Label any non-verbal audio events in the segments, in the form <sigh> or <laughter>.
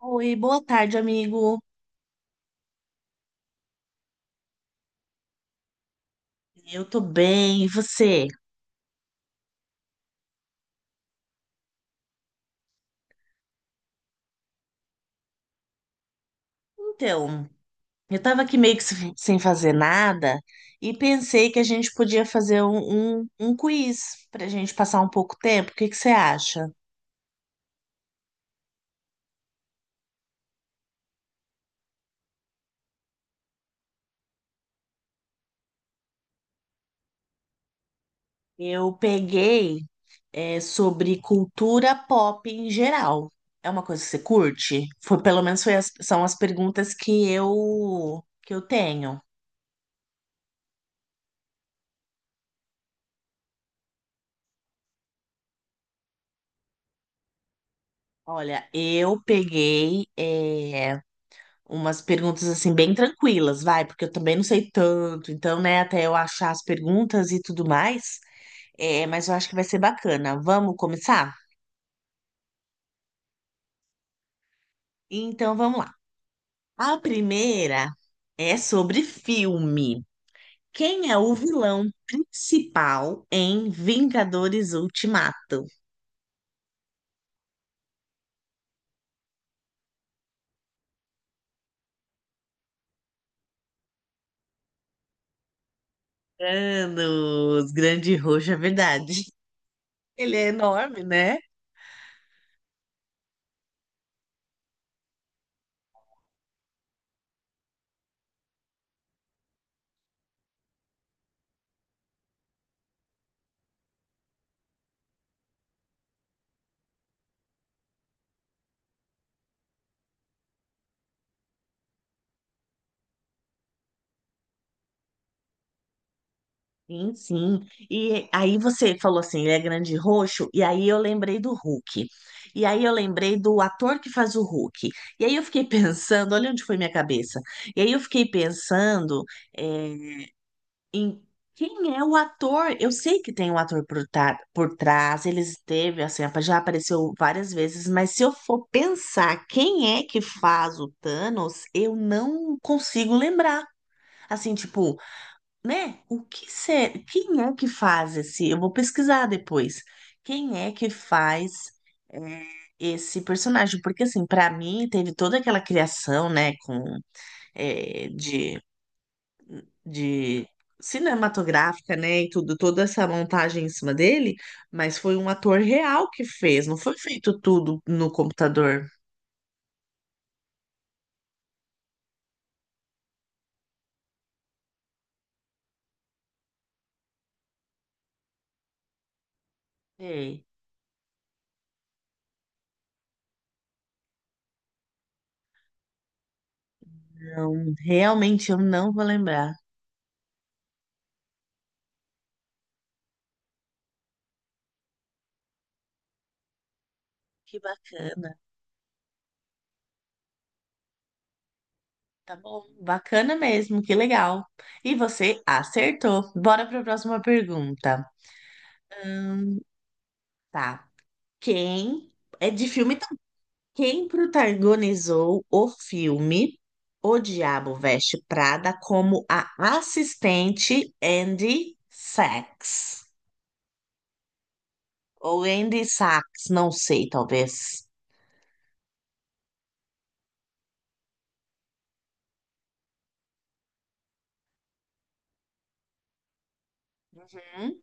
Oi, boa tarde, amigo. Eu tô bem, e você? Então, eu tava aqui meio que sem fazer nada e pensei que a gente podia fazer um quiz pra gente passar um pouco tempo. O que que você acha? Eu peguei, sobre cultura pop em geral. É uma coisa que você curte? Foi, pelo menos foi são as perguntas que eu tenho. Olha, eu peguei umas perguntas assim bem tranquilas, vai, porque eu também não sei tanto, então, né, até eu achar as perguntas e tudo mais, mas eu acho que vai ser bacana. Vamos começar? Então, vamos lá. A primeira é sobre filme. Quem é o vilão principal em Vingadores Ultimato? Thanos, grande roxo, é verdade. <laughs> Ele é enorme, né? Sim, sim. E aí você falou assim, ele é grande e roxo, e aí eu lembrei do Hulk. E aí eu lembrei do ator que faz o Hulk. E aí eu fiquei <laughs> pensando, olha onde foi minha cabeça. E aí eu fiquei pensando, é, em quem é o ator? Eu sei que tem um ator por trás, ele esteve assim, já apareceu várias vezes, mas se eu for pensar quem é que faz o Thanos, eu não consigo lembrar. Assim, tipo, né? O que ser, quem é que faz esse? Eu vou pesquisar depois. Quem é que faz, é, esse personagem? Porque assim, para mim teve toda aquela criação, né, com é, de cinematográfica, né, e tudo, toda essa montagem em cima dele, mas foi um ator real que fez, não foi feito tudo no computador. Ei, não, realmente eu não vou lembrar. Que bacana. Tá bom, bacana mesmo, que legal. E você acertou. Bora para a próxima pergunta. Tá. Quem é de filme também? Quem protagonizou o filme O Diabo Veste Prada como a assistente Andy Sachs? Ou Andy Sachs, não sei, talvez. Hum?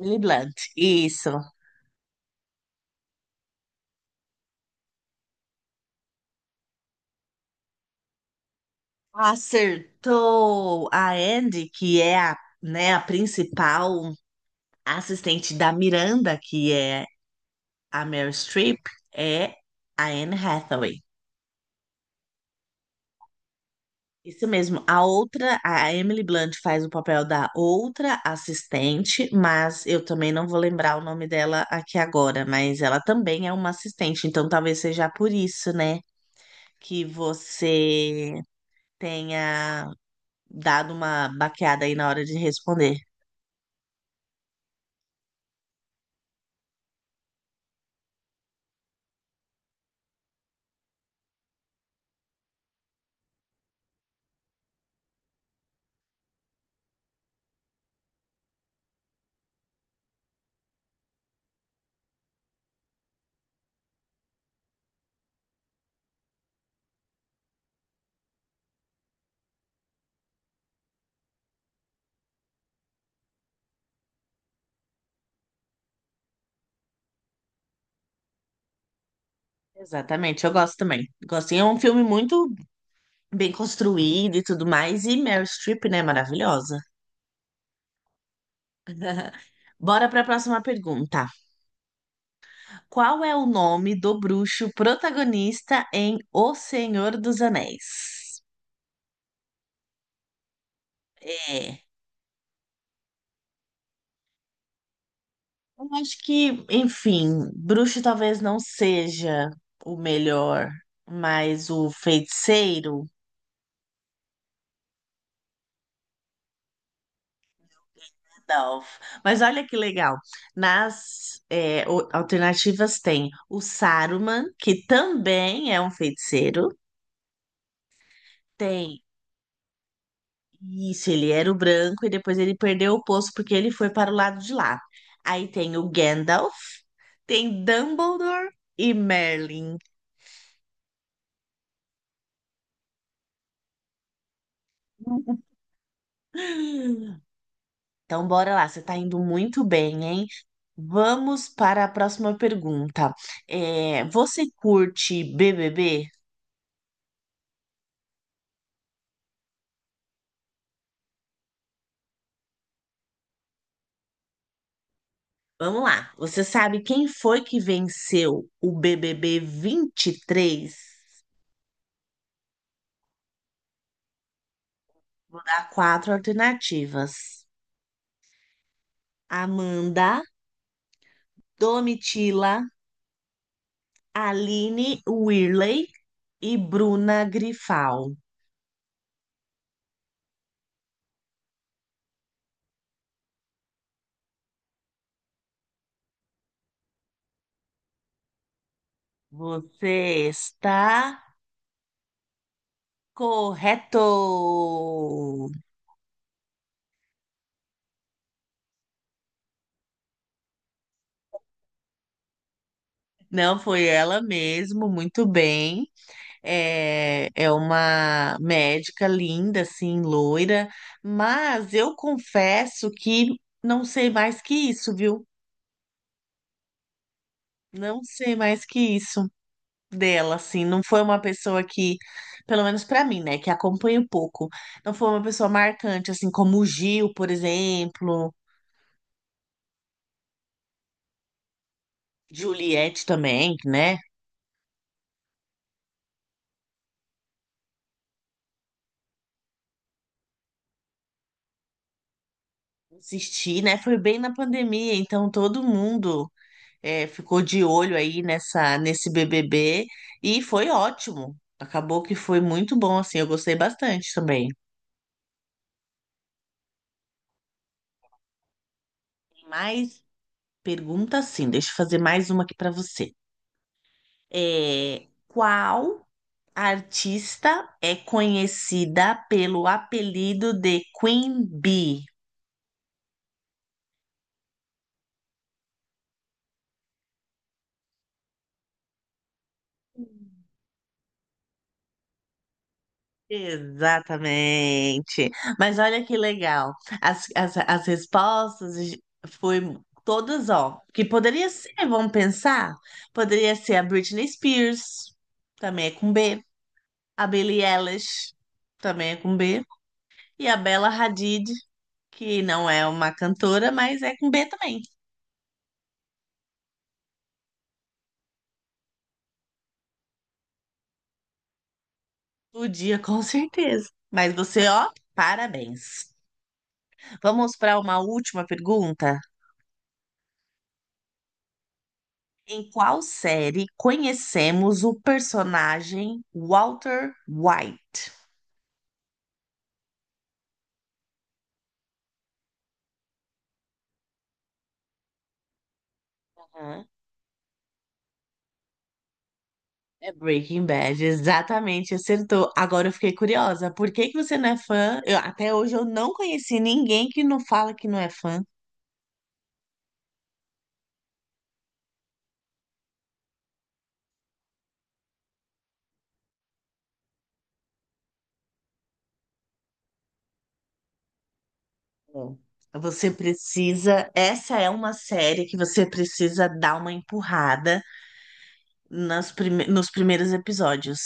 Emily Blunt, isso. Acertou a Andy, que é a, né, a principal. A assistente da Miranda, que é a Meryl Streep, é a Anne Hathaway. Isso mesmo. A outra, a Emily Blunt, faz o papel da outra assistente, mas eu também não vou lembrar o nome dela aqui agora, mas ela também é uma assistente, então talvez seja por isso, né, que você tenha dado uma baqueada aí na hora de responder. Exatamente, eu gosto também. Gosto, e é um filme muito bem construído e tudo mais. E Meryl Streep, né? Maravilhosa. Bora para a próxima pergunta. Qual é o nome do bruxo protagonista em O Senhor dos Anéis? É. Eu acho que, enfim, bruxo talvez não seja o melhor, mas o feiticeiro. Gandalf. Mas olha que legal. Alternativas tem o Saruman, que também é um feiticeiro. Isso, ele era o branco e depois ele perdeu o posto porque ele foi para o lado de lá. Aí tem o Gandalf, tem Dumbledore e Merlin. <laughs> Então, bora lá, você tá indo muito bem, hein? Vamos para a próxima pergunta. É, você curte BBB? Vamos lá. Você sabe quem foi que venceu o BBB 23? Vou dar quatro alternativas: Amanda, Domitila, Aline Whirley e Bruna Grifal. Você está correto! Não foi ela mesmo, muito bem. É, é uma médica linda, assim, loira, mas eu confesso que não sei mais que isso, viu? Não sei mais que isso. Dela, assim, não foi uma pessoa que, pelo menos pra mim, né, que acompanho pouco, não foi uma pessoa marcante, assim, como o Gil, por exemplo. Juliette também, né, assisti, né, foi bem na pandemia, então todo mundo, ficou de olho aí nessa, nesse BBB, e foi ótimo, acabou que foi muito bom, assim, eu gostei bastante também. Tem mais pergunta, sim, deixa eu fazer mais uma aqui pra você. É, qual a artista é conhecida pelo apelido de Queen Bee? Exatamente. Mas olha que legal. As respostas foi todas, ó. Que poderia ser, vamos pensar? Poderia ser a Britney Spears, também é com B. A Billie Eilish, também é com B. E a Bella Hadid, que não é uma cantora, mas é com B também. O dia, com certeza. Mas você, ó, parabéns. Vamos para uma última pergunta. Em qual série conhecemos o personagem Walter White? Aham. É Breaking Bad, exatamente, acertou. Agora eu fiquei curiosa, por que que você não é fã? Eu- até hoje eu não conheci ninguém que não fala que não é fã. É. Você precisa, essa é uma série que você precisa dar uma empurrada nas nos primeiros episódios.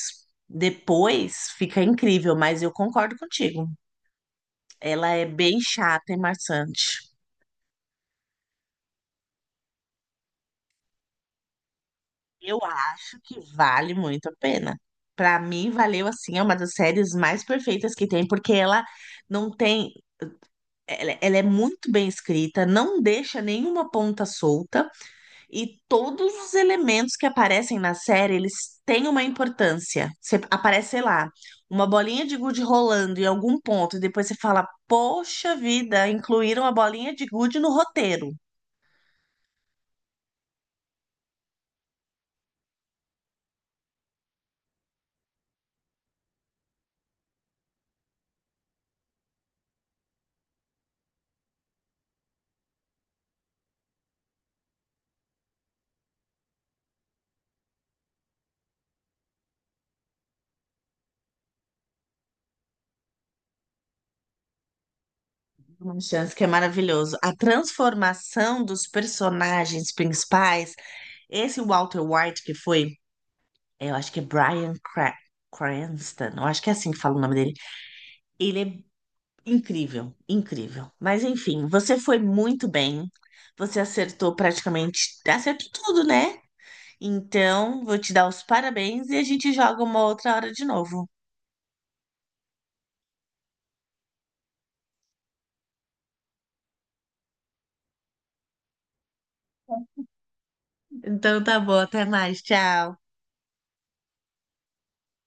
Depois fica incrível, mas eu concordo contigo. Ela é bem chata e maçante. Eu acho que vale muito a pena. Pra mim, valeu assim, é uma das séries mais perfeitas que tem, porque ela não tem. Ela é muito bem escrita, não deixa nenhuma ponta solta, e todos os elementos que aparecem na série, eles têm uma importância. Você aparece, sei lá, uma bolinha de gude rolando em algum ponto, e depois você fala, poxa vida, incluíram a bolinha de gude no roteiro. Uma chance que é maravilhoso. A transformação dos personagens principais, esse Walter White que foi, eu acho que é Bryan Cranston, eu acho que é assim que fala o nome dele. Ele é incrível, incrível. Mas enfim, você foi muito bem. Você acertou praticamente, acertou tudo, né? Então, vou te dar os parabéns e a gente joga uma outra hora de novo. Então tá bom, até mais, tchau.